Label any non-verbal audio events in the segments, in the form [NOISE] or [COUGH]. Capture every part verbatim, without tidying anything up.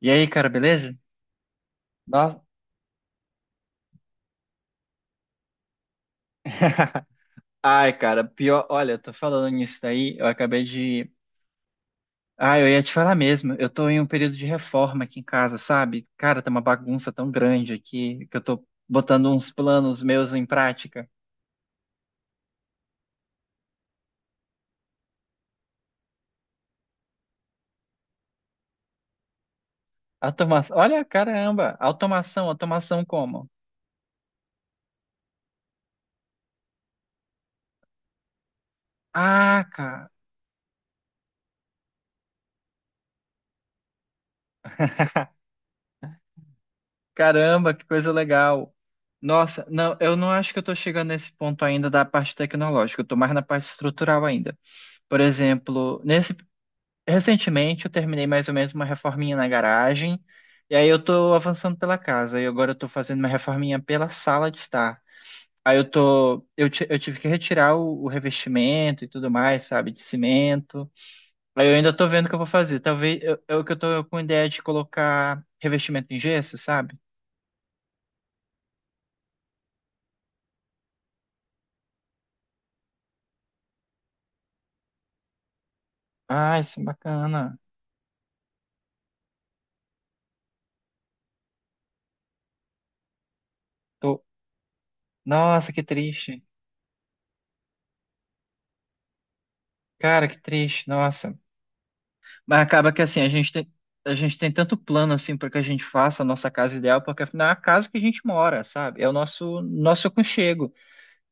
E aí, cara, beleza? Nossa. [LAUGHS] Ai, cara, pior. Olha, eu tô falando nisso daí, eu acabei de. Ah, eu ia te falar mesmo. Eu tô em um período de reforma aqui em casa, sabe? Cara, tá uma bagunça tão grande aqui que eu tô botando uns planos meus em prática. Automação. Olha, caramba, automação, automação como? Ah, cara. [LAUGHS] Caramba, que coisa legal. Nossa, não, eu não acho que eu estou chegando nesse ponto ainda da parte tecnológica, eu estou mais na parte estrutural ainda. Por exemplo, nesse recentemente eu terminei mais ou menos uma reforminha na garagem, e aí eu tô avançando pela casa, e agora eu tô fazendo uma reforminha pela sala de estar. Aí eu tô, eu, ti- eu tive que retirar o, o revestimento e tudo mais, sabe, de cimento. Aí eu ainda tô vendo o que eu vou fazer. Talvez eu, eu que eu tô com ideia de colocar revestimento em gesso, sabe? Ah, isso é bacana. Tô, nossa, que triste. Cara, que triste. Nossa. Mas acaba que assim, a gente tem, a gente tem tanto plano assim para que a gente faça a nossa casa ideal, porque afinal é a casa que a gente mora, sabe? É o nosso nosso aconchego.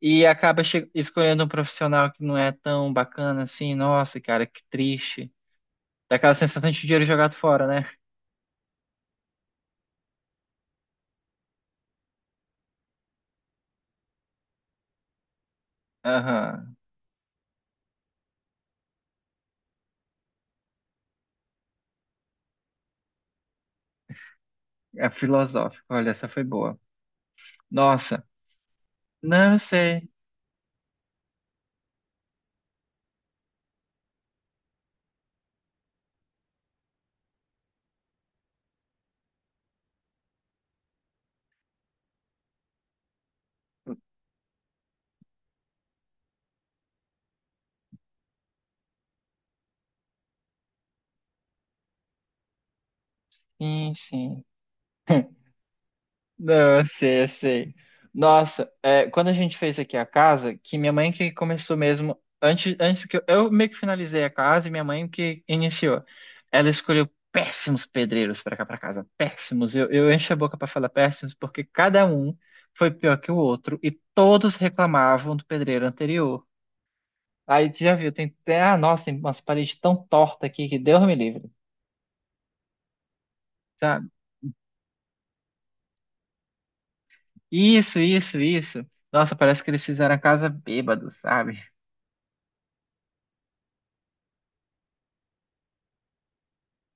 E acaba che- escolhendo um profissional que não é tão bacana assim, nossa, cara, que triste. Dá aquela sensação de dinheiro jogado fora, né? Aham. É filosófico. Olha, essa foi boa. Nossa. Não sei. Sim, sim. [LAUGHS] Não, eu sei, eu sei. Nossa, é, quando a gente fez aqui a casa, que minha mãe que começou mesmo, antes, antes que eu, eu meio que finalizei a casa e minha mãe que iniciou. Ela escolheu péssimos pedreiros para cá para casa, péssimos. Eu, eu encho a boca para falar péssimos porque cada um foi pior que o outro e todos reclamavam do pedreiro anterior. Aí tu já viu, tem até, ah, nossa, tem umas paredes tão tortas aqui que Deus me livre, sabe? Isso, isso, isso. Nossa, parece que eles fizeram a casa bêbado, sabe?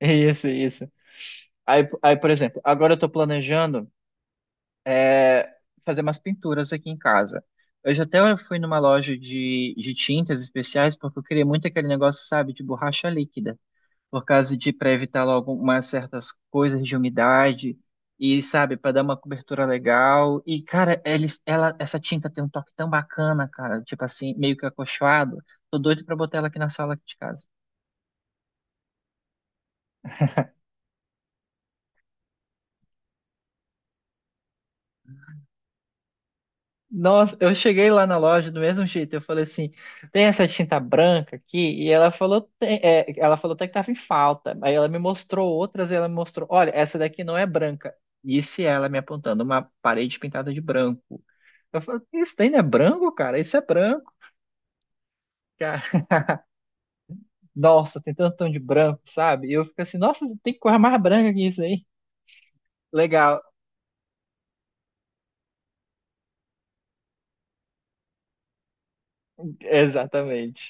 Isso, isso. Aí, aí, por exemplo, agora eu tô planejando é, fazer umas pinturas aqui em casa. Hoje até eu fui numa loja de, de tintas especiais porque eu queria muito aquele negócio, sabe, de borracha líquida, por causa de para evitar logo umas certas coisas de umidade e, sabe, para dar uma cobertura legal. E, cara, eles, ela, essa tinta tem um toque tão bacana, cara, tipo assim, meio que acolchoado. Tô doido pra botar ela aqui na sala de casa. Nossa, eu cheguei lá na loja do mesmo jeito. Eu falei assim: tem essa tinta branca aqui? E ela falou, "Tem", é, ela falou até que tava em falta. Aí ela me mostrou outras e ela me mostrou: olha, essa daqui não é branca. Disse ela me apontando uma parede pintada de branco. Eu falei: isso daí não é branco, cara? Isso é branco, cara. [LAUGHS] Nossa, tem tanto tom de branco, sabe? E eu fico assim: nossa, tem coisa mais branca que isso aí. Legal, [LAUGHS] exatamente.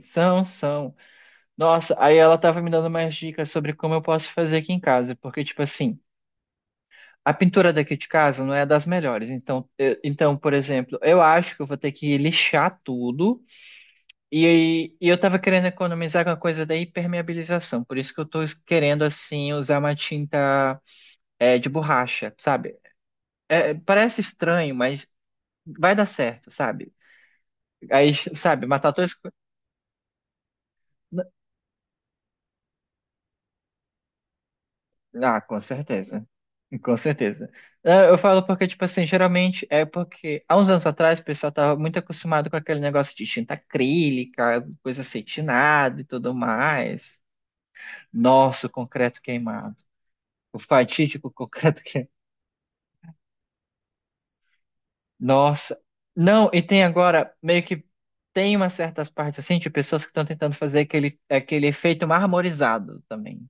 São, são. Nossa, aí ela tava me dando mais dicas sobre como eu posso fazer aqui em casa, porque, tipo assim, a pintura daqui de casa não é das melhores. Então, eu- então, por exemplo, eu acho que eu vou ter que lixar tudo. E, aí- e eu tava querendo economizar com a coisa da impermeabilização, por isso que eu tô querendo, assim, usar uma tinta é, de borracha, sabe? É, parece estranho, mas vai dar certo, sabe? Aí, sabe, matar todas. Ah, com certeza. Com certeza. É, eu falo porque, tipo assim, geralmente é porque há uns anos atrás o pessoal tava muito acostumado com aquele negócio de tinta acrílica, coisa acetinada e tudo mais. Nossa, o concreto queimado. O fatídico [LAUGHS] concreto queimado. Nossa. Não, e tem agora, meio que tem umas certas partes assim de pessoas que estão tentando fazer aquele, aquele efeito marmorizado também.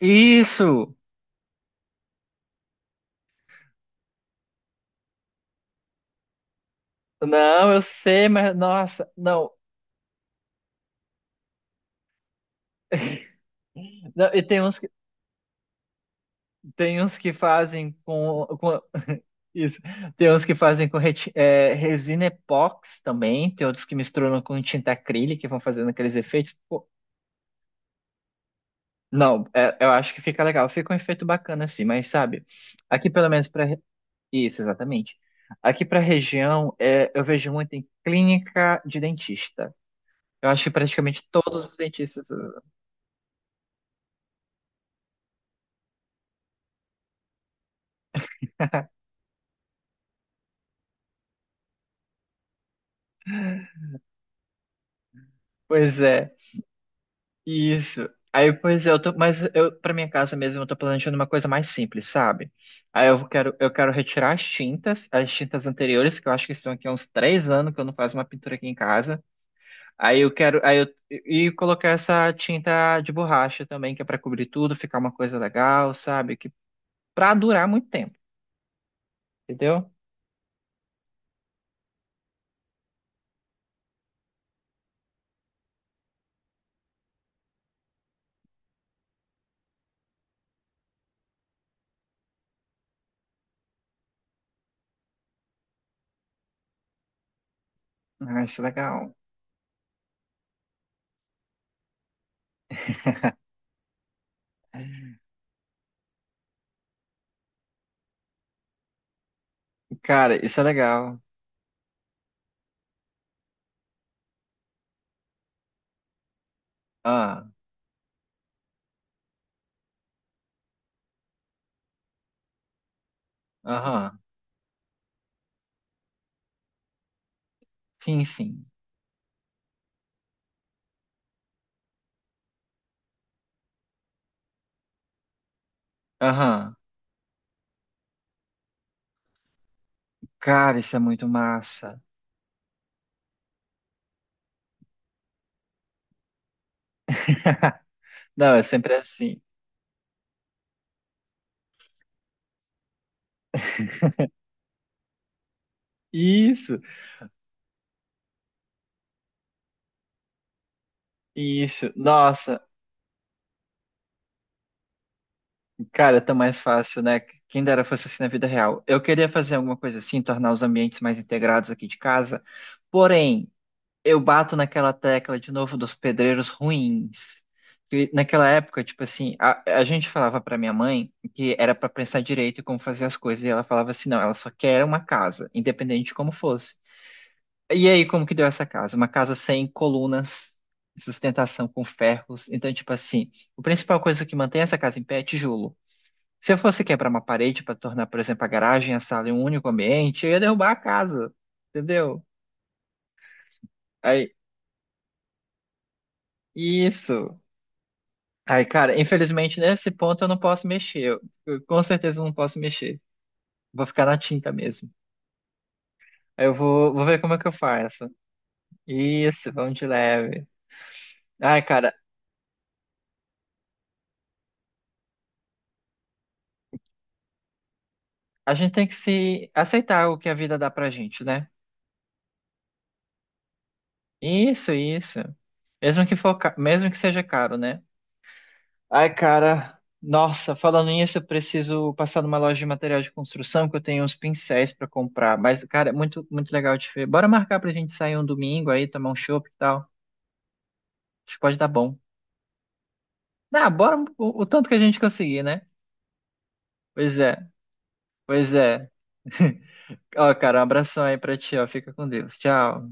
Isso! Não, eu sei, mas nossa, não. Não, e tem uns Tem uns que fazem com, com- isso. Tem uns que fazem com reti- é, resina epox também, tem outros que misturam com tinta acrílica e vão fazendo aqueles efeitos. Pô, não, é- eu acho que fica legal, fica um efeito bacana assim, mas sabe, aqui pelo menos para isso, exatamente. Aqui para a região, é, eu vejo muito em clínica de dentista. Eu acho que praticamente todos os dentistas. Pois é. Isso. Aí, pois é, eu tô, mas eu para minha casa mesmo eu tô planejando uma coisa mais simples, sabe? Aí eu quero eu quero retirar as tintas, as tintas anteriores que eu acho que estão aqui há uns três anos que eu não faço uma pintura aqui em casa. Aí eu quero aí eu e colocar essa tinta de borracha também que é para cobrir tudo, ficar uma coisa legal, sabe? Que para durar muito tempo, entendeu? Ah, isso é legal. Cara, isso é legal. Ah, aham. Sim, sim. Aham. Cara, isso é muito massa. [LAUGHS] Não, é sempre assim. Isso, isso. Nossa, cara, tão mais fácil, né? Quem dera fosse assim na vida real. Eu queria fazer alguma coisa assim, tornar os ambientes mais integrados aqui de casa. Porém, eu bato naquela tecla de novo dos pedreiros ruins. Que naquela época, tipo assim, a, a gente falava pra minha mãe que era pra pensar direito em como fazer as coisas, e ela falava assim, não, ela só quer uma casa, independente de como fosse. E aí, como que deu essa casa? Uma casa sem colunas, sustentação com ferros. Então, tipo assim, a principal coisa que mantém essa casa em pé é tijolo. Se eu fosse quebrar uma parede para tornar, por exemplo, a garagem, a sala em um único ambiente, eu ia derrubar a casa, entendeu? Aí, isso. Aí, cara, infelizmente nesse ponto eu não posso mexer. Eu, eu com certeza não posso mexer. Vou ficar na tinta mesmo. Aí eu vou, vou ver como é que eu faço. Isso, vamos de leve. Ai, cara, a gente tem que se aceitar o que a vida dá pra gente, né? Isso, isso. Mesmo que for, ca- mesmo que seja caro, né? Ai, cara, nossa, falando nisso, eu preciso passar numa loja de material de construção que eu tenho uns pincéis pra comprar. Mas, cara, é muito, muito legal de ver. Bora marcar pra gente sair um domingo aí, tomar um chopp e tal. Acho que pode dar bom. Ah, bora um, o, o tanto que a gente conseguir, né? Pois é, pois é. [LAUGHS] Ó, cara, um abração aí pra ti, ó. Fica com Deus. Tchau.